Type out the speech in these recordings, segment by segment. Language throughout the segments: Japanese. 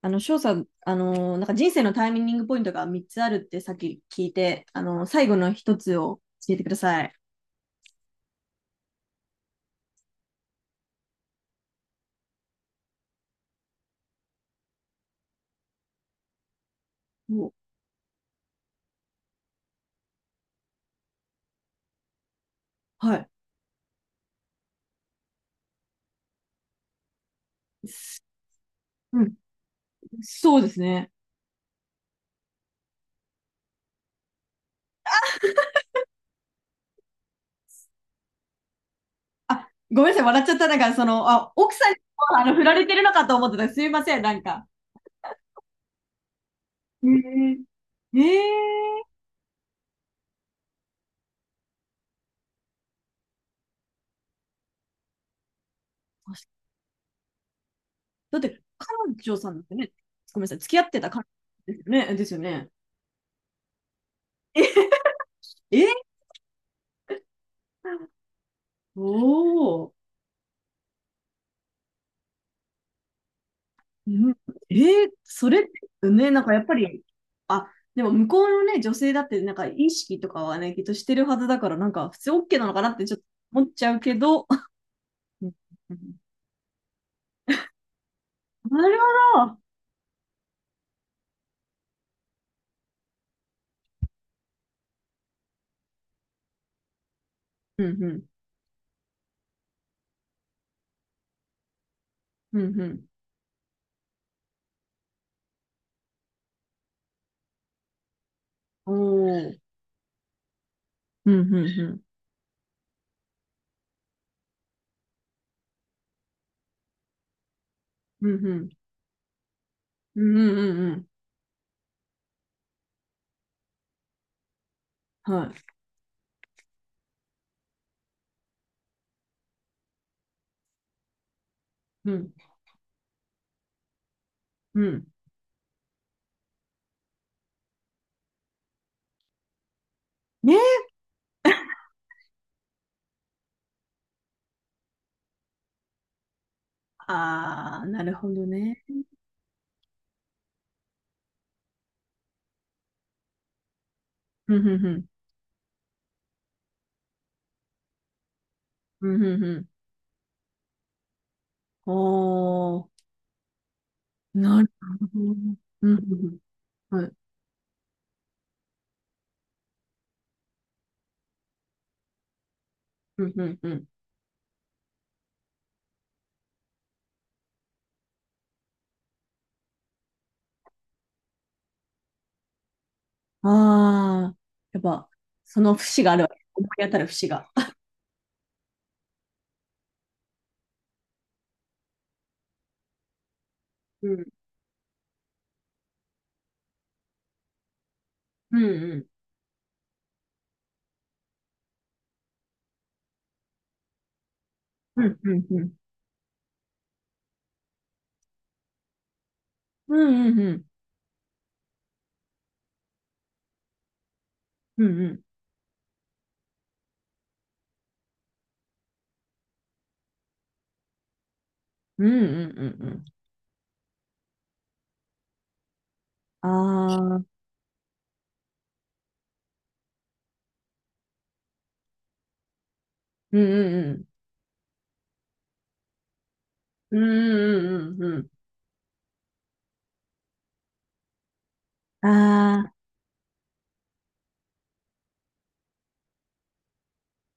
翔さん、人生のタイミングポイントが3つあるってさっき聞いて、最後の一つを教えてください。おはい。うん。そうですね。あ、ごめんなさい、笑っちゃった。奥さんにも振られてるのかと思ってた。すいません、なんか。えー、えー、だって、彼女さんだっよね、ごめんなさい、付き合ってた彼女ですよね。ですよね。えー、おお。うんえーそれってね、なんかやっぱり、あ、でも向こうのね、女性だってなんか意識とかはね、きっとしてるはずだから、なんか普通 OK なのかなってちょっと思っちゃうけど、うんうんなるほど。うんうん。うんうん。おお。うんうんうん。うんうん。うんうんうんうん。はい。うん。うん。ね。ああ、なるほどね。うんうんうん。うんうんうん。おお。なるほど。うんうんうんはい。うんうんうん。ああ、やっぱ、その節があるわけ。思い当たる節が。うん。うんうん。うんうんうん。うんうんうん。うんうん。うんうんうんうん。ああ、うんうんうん。うんうんうんうん。ああ、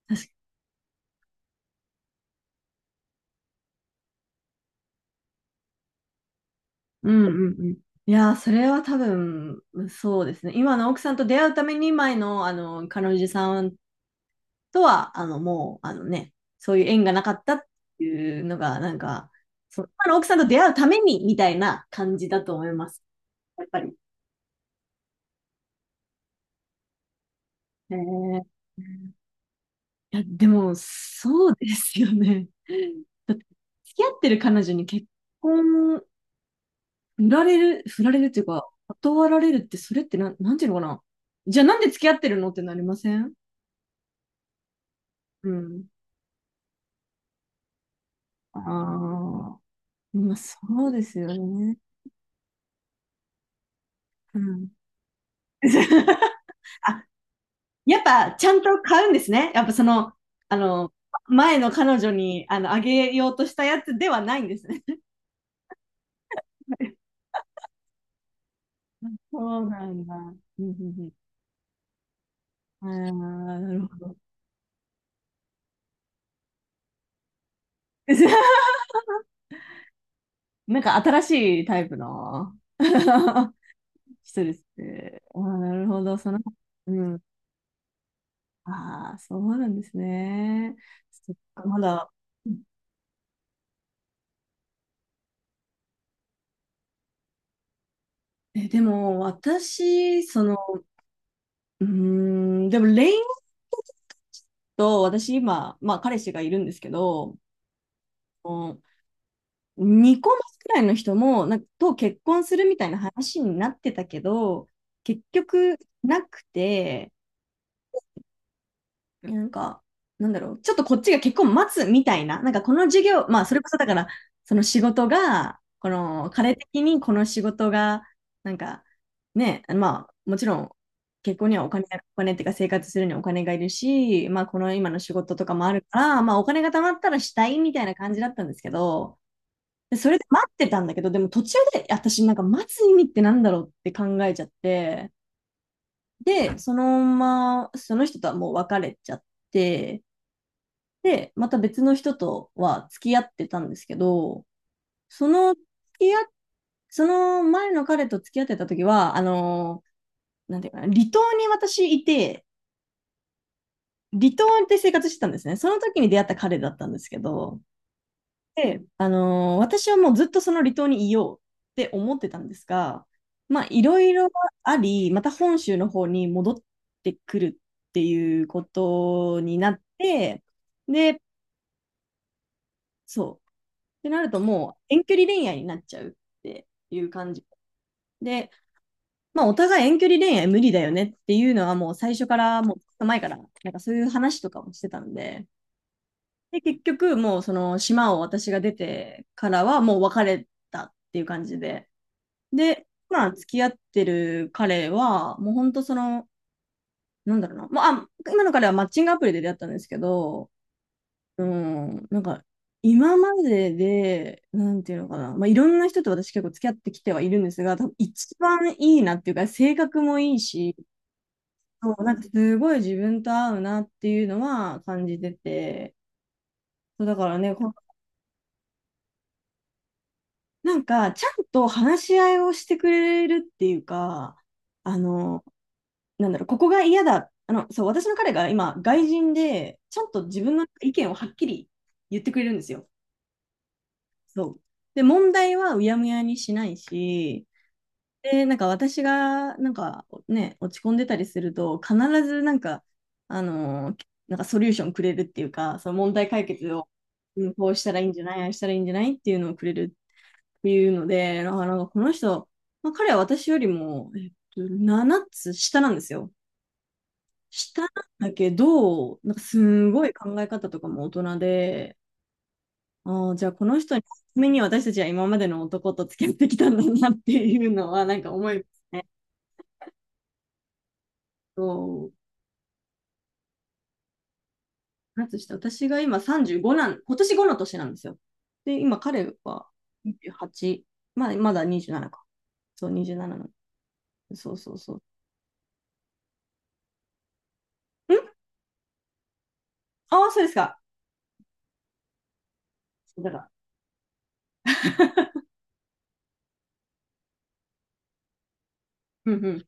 確かにうんうんうん。いやー、それは多分、そうですね。今の奥さんと出会うために前の、彼女さんとは、もう、あのね、そういう縁がなかったっていうのが、なんか、その今の奥さんと出会うために、みたいな感じだと思います。やっぱり。へーいや、でも、そうですよね。だって付き合ってる彼女に結婚、振られる、振られるっていうか、断られるって、それってなん、なんていうのかな。じゃあなんで付き合ってるのってなりませんうん。ああ。まあ、そうですよね。うん。あ、やっぱちゃんと買うんですね。やっぱその、あの、前の彼女にあげようとしたやつではないんですね。そうなんだ。うんうんうん。ああ、なるほど。なんか新しいタイプの 人ですね。ああ、なるほど。その、うん。ああ、そうなんですね。そっか、まだ。うんえ、でも、私、その、うーん、でも、レインと、私今、まあ、彼氏がいるんですけど、うん2個 más くらいの人もなんかと結婚するみたいな話になってたけど、結局なくて、なんか、なんだろう、ちょっとこっちが結婚待つみたいな、なんかこの授業、まあそれこそだから、その仕事が、この彼的にこの仕事が、なんかね、まあもちろん結婚にはお金、お金っていうか生活するにはお金がいるし、まあこの今の仕事とかもあるから、まあお金が貯まったらしたいみたいな感じだったんですけど、でそれで待ってたんだけど、でも途中で私なんか待つ意味ってなんだろうって考えちゃって、で、そのまま、その人とはもう別れちゃって、で、また別の人とは付き合ってたんですけど、その付き合っ、その前の彼と付き合ってた時は、なんていうかな、離島に私いて、離島で生活してたんですね。その時に出会った彼だったんですけど、で、私はもうずっとその離島にいようって思ってたんですが、まあ、いろいろあり、また本州の方に戻ってくるっていうことになって、で、そう。ってなるともう遠距離恋愛になっちゃうっていう感じ。で、まあ、お互い遠距離恋愛無理だよねっていうのはもう最初からもうずっと前から、なんかそういう話とかもしてたんで、で、結局もうその島を私が出てからはもう別れたっていう感じで。で、今付き合ってる彼は、もう本当その、なんだろうな、まあ、あ今の彼はマッチングアプリで出会ったんですけど、うん、なんか、今までで、なんていうのかな、まあ、いろんな人と私結構付き合ってきてはいるんですが、多分一番いいなっていうか、性格もいいし、そうなんかすごい自分と合うなっていうのは感じてて、そうだからね、こうなんかちゃんと話し合いをしてくれるっていうか、あのなんだろう、ここが嫌だ。そう、私の彼が今、外人で、ちゃんと自分の意見をはっきり言ってくれるんですよ。そう。で、問題はうやむやにしないし、で、なんか私が、なんかね、落ち込んでたりすると、必ずなんか、なんかソリューションくれるっていうか、その問題解決を、うん、こうしたらいいんじゃない、ああしたらいいんじゃないっていうのをくれるっていうので、なんかこの人、まあ、彼は私よりも、えっと、7つ下なんですよ。したんだけど、なんかすごい考え方とかも大人で、ああ、じゃあこの人に、ために私たちは今までの男と付き合ってきたんだなっていうのは、なんか思いますね。そう。なんとして、私が今35なん、今年5の年なんですよ。で、今彼は28、まあ、まだ27か。そう、27ななの。そうそうそう。んああー、そうですか。だから。うんうん。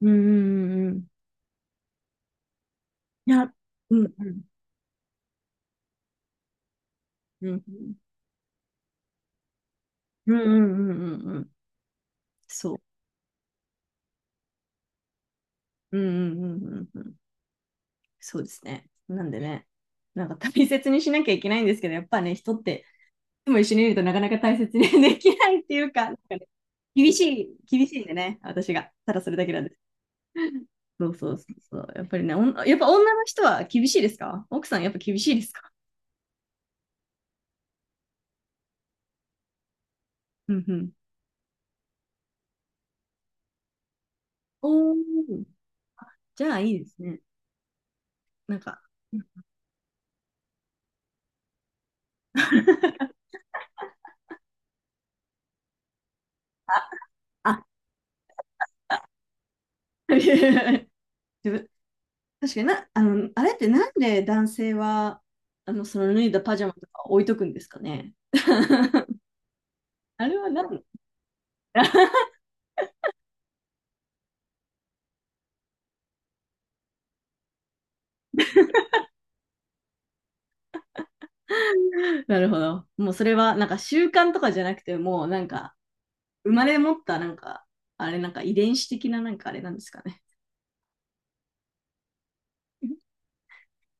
うんうんうんうん。いや、うんうん。うんうんうんうんうんうん。そう。うんうんうんうんうん。そうですね。なんでね、なんか大切にしなきゃいけないんですけど、やっぱね、人っていつも一緒にいるとなかなか大切に できないっていうか、なんかね、厳しいんでね、私が。ただそれだけなんです。そうそうそうそう。やっぱりね、おんやっぱ女の人は厳しいですか奥さんやっぱ厳しいですかうんうん。おー、じゃあいいですね。なんか。あ、自分、確かにな、あれってなんで男性は、その脱いだパジャマとか置いとくんですかね。あれは何 なるほど。もうそれはなんか習慣とかじゃなくて、もうなんか生まれ持ったなんか、あれなんか遺伝子的ななんかあれなんですかね。